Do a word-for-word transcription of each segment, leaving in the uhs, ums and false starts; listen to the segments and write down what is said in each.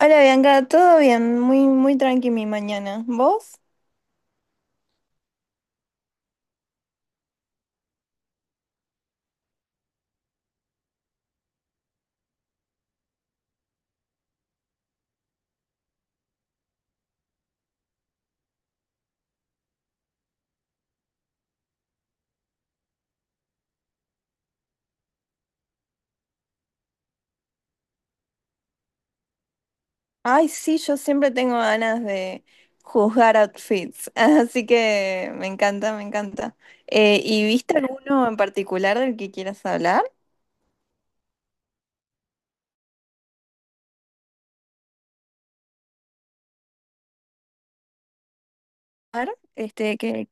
Hola Bianca, todo bien, muy, muy tranqui mi mañana. ¿Vos? Ay, sí, yo siempre tengo ganas de juzgar outfits, así que me encanta, me encanta. Eh, ¿y viste alguno en particular del que quieras hablar? Ar- Este, que,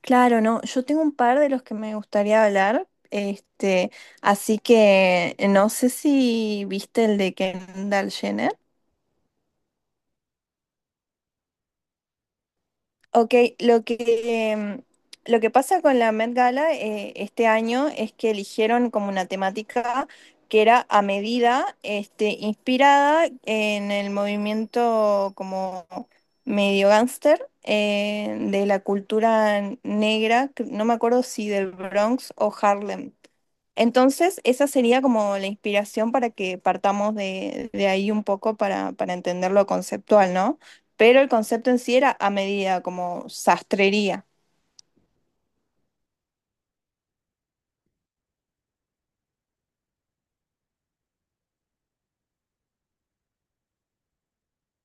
claro, no, yo tengo un par de los que me gustaría hablar, este, así que no sé si viste el de Kendall Jenner. Ok, lo que, em, lo que pasa con la Met Gala eh, este año es que eligieron como una temática que era a medida, este, inspirada en el movimiento como medio gángster eh, de la cultura negra, que no me acuerdo si del Bronx o Harlem. Entonces, esa sería como la inspiración para que partamos de, de ahí un poco para, para entender lo conceptual, ¿no? Pero el concepto en sí era a medida, como sastrería.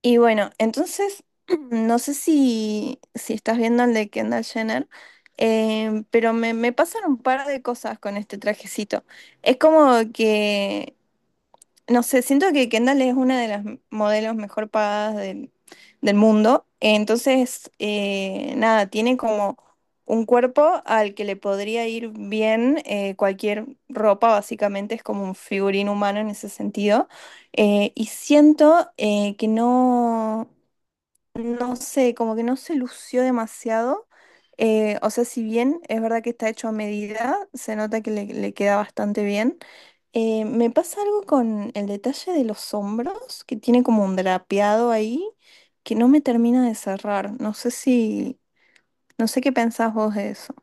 Y bueno, entonces, no sé si, si estás viendo el de Kendall Jenner, eh, pero me, me pasan un par de cosas con este trajecito. Es como que no sé, siento que Kendall es una de las modelos mejor pagadas del, del mundo. Entonces, eh, nada, tiene como un cuerpo al que le podría ir bien eh, cualquier ropa, básicamente es como un figurín humano en ese sentido. Eh, y siento eh, que no. No sé, como que no se lució demasiado. Eh, o sea, si bien es verdad que está hecho a medida, se nota que le, le queda bastante bien. Eh, me pasa algo con el detalle de los hombros, que tiene como un drapeado ahí, que no me termina de cerrar. No sé si, no sé qué pensás vos de eso.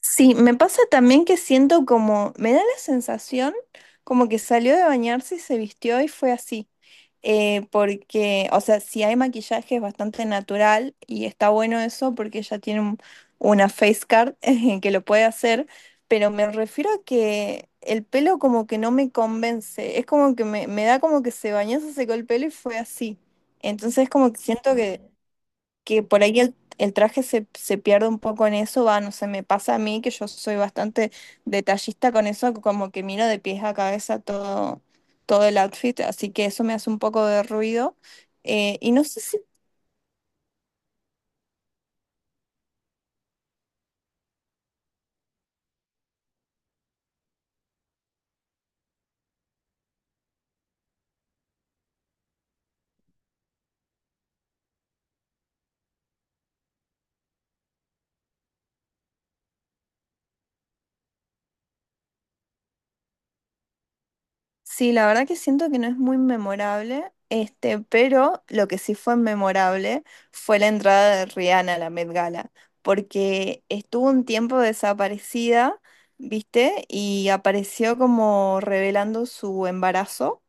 Sí, me pasa también que siento como, me da la sensación como que salió de bañarse y se vistió y fue así. Eh, porque, o sea, si hay maquillaje es bastante natural y está bueno eso porque ella tiene un- una face card eh, que lo puede hacer, pero me refiero a que el pelo como que no me convence, es como que me, me da como que se bañó, se secó el pelo y fue así. Entonces como que siento que que por ahí el, el traje se, se pierde un poco en eso, va, no sé, me pasa a mí que yo soy bastante detallista con eso, como que miro de pies a cabeza todo, todo el outfit, así que eso me hace un poco de ruido. Eh, y no sé si, sí, la verdad que siento que no es muy memorable, este, pero lo que sí fue memorable fue la entrada de Rihanna a la Met Gala, porque estuvo un tiempo desaparecida. ¿Viste? Y apareció como revelando su embarazo.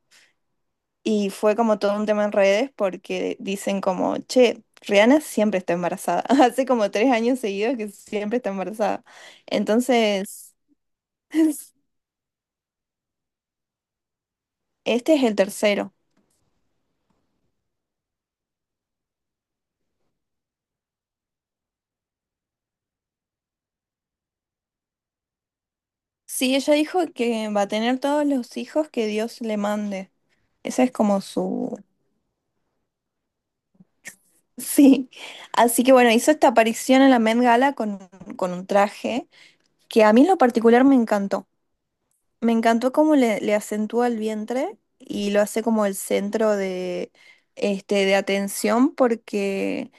Y fue como todo un tema en redes porque dicen como, che, Rihanna siempre está embarazada. Hace como tres años seguidos que siempre está embarazada. Entonces, este es el tercero. Sí, ella dijo que va a tener todos los hijos que Dios le mande. Esa es como su... Sí. Así que bueno, hizo esta aparición en la Met Gala con, con un traje que a mí en lo particular me encantó. Me encantó cómo le, le acentúa el vientre y lo hace como el centro de, este, de atención porque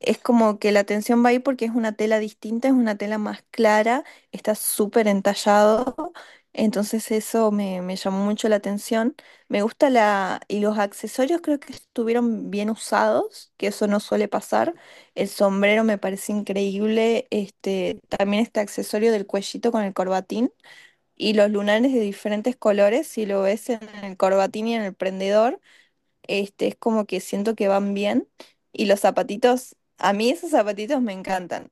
es como que la atención va ahí porque es una tela distinta, es una tela más clara, está súper entallado. Entonces eso me, me llamó mucho la atención. Me gusta la... Y los accesorios creo que estuvieron bien usados, que eso no suele pasar. El sombrero me parece increíble. Este, también este accesorio del cuellito con el corbatín. Y los lunares de diferentes colores, si lo ves en el corbatín y en el prendedor, este, es como que siento que van bien. Y los zapatitos, a mí esos zapatitos me encantan.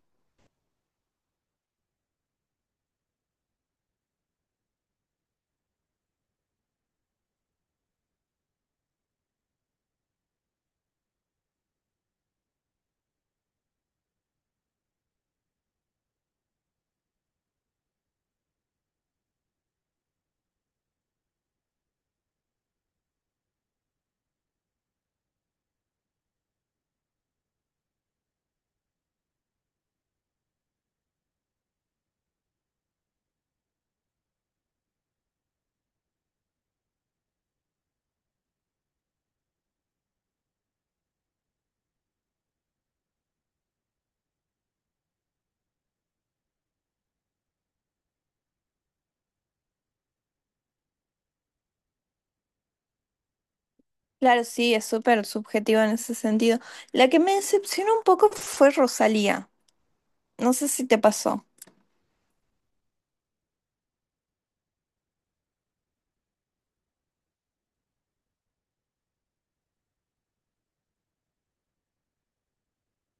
Claro, sí, es súper subjetivo en ese sentido. La que me decepcionó un poco fue Rosalía. No sé si te pasó.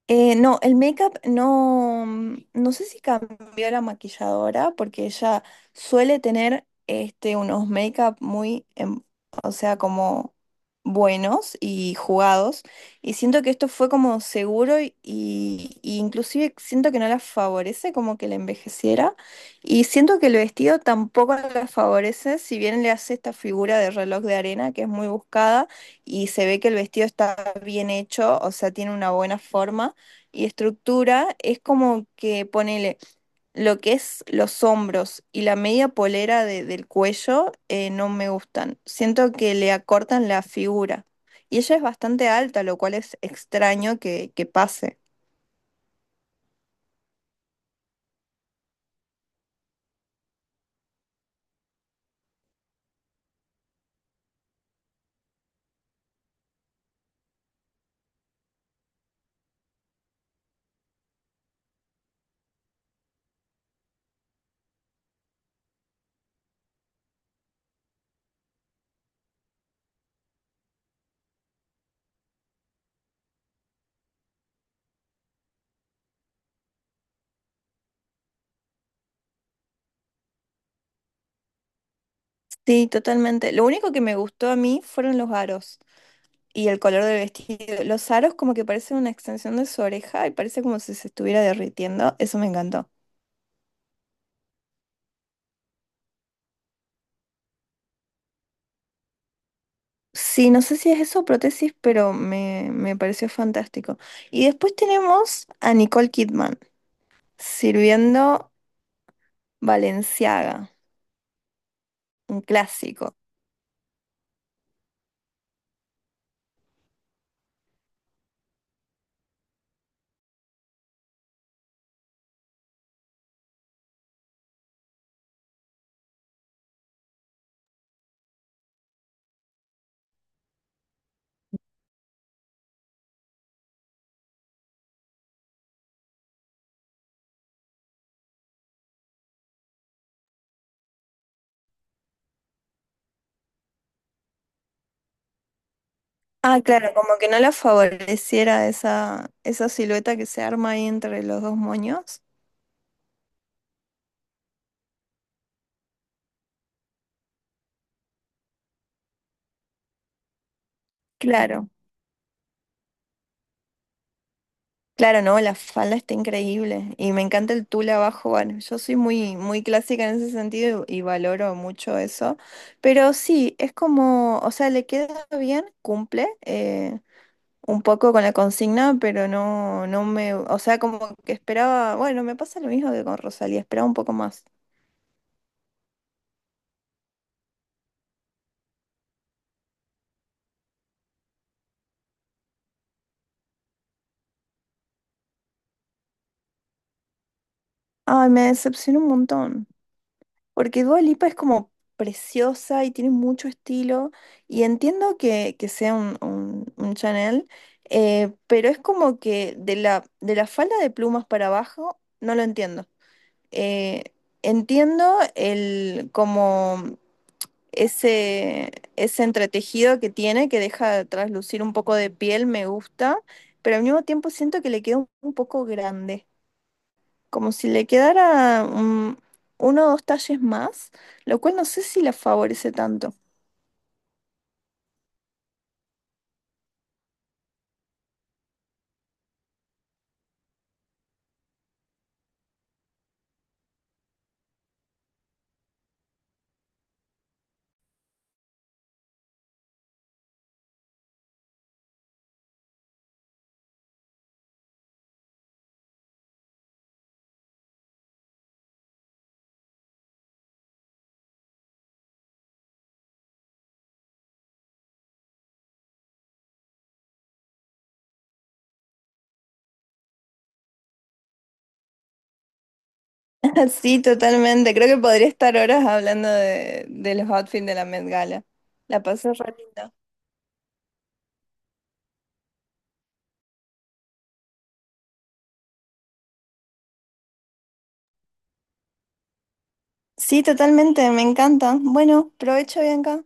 Eh, no, el make-up no, mm, no sé si cambió la maquilladora porque ella suele tener este, unos make-up muy, em- o sea, como buenos y jugados. Y siento que esto fue como seguro y, y- y inclusive siento que no la favorece como que la envejeciera. Y siento que el vestido tampoco la favorece, si bien le hace esta figura de reloj de arena que es muy buscada y se ve que el vestido está bien hecho, o sea, tiene una buena forma y estructura es como que ponele lo que es los hombros y la media polera de- del cuello eh, no me gustan. Siento que le acortan la figura. Y ella es bastante alta, lo cual es extraño que, que pase. Sí, totalmente. Lo único que me gustó a mí fueron los aros y el color del vestido. Los aros como que parecen una extensión de su oreja y parece como si se estuviera derritiendo. Eso me encantó. Sí, no sé si es eso prótesis, pero me, me pareció fantástico. Y después tenemos a Nicole Kidman sirviendo Balenciaga, un clásico. Ah, claro, como que no la favoreciera esa, esa silueta que se arma ahí entre los dos moños. Claro, claro, no, la falda está increíble y me encanta el tul abajo. Bueno, yo soy muy, muy clásica en ese sentido y y valoro mucho eso. Pero sí, es como, o sea, le queda bien, cumple, eh, un poco con la consigna, pero no, no me, o sea, como que esperaba, bueno, me pasa lo mismo que con Rosalía, esperaba un poco más. Ay, me decepcionó un montón, porque Dua Lipa es como preciosa y tiene mucho estilo, y entiendo que, que sea un, un, un Chanel, eh, pero es como que de la, de la falda de plumas para abajo, no lo entiendo. Eh, Entiendo el como ese, ese entretejido que tiene, que deja traslucir un poco de piel, me gusta, pero al mismo tiempo siento que le queda un, un poco grande, como si le quedara mm, uno o dos talles más, lo cual no sé si la favorece tanto. Sí, totalmente. Creo que podría estar horas hablando de, de los outfits de la Met Gala. La pasé re linda. Sí, totalmente, me encanta. Bueno, provecho, Bianca.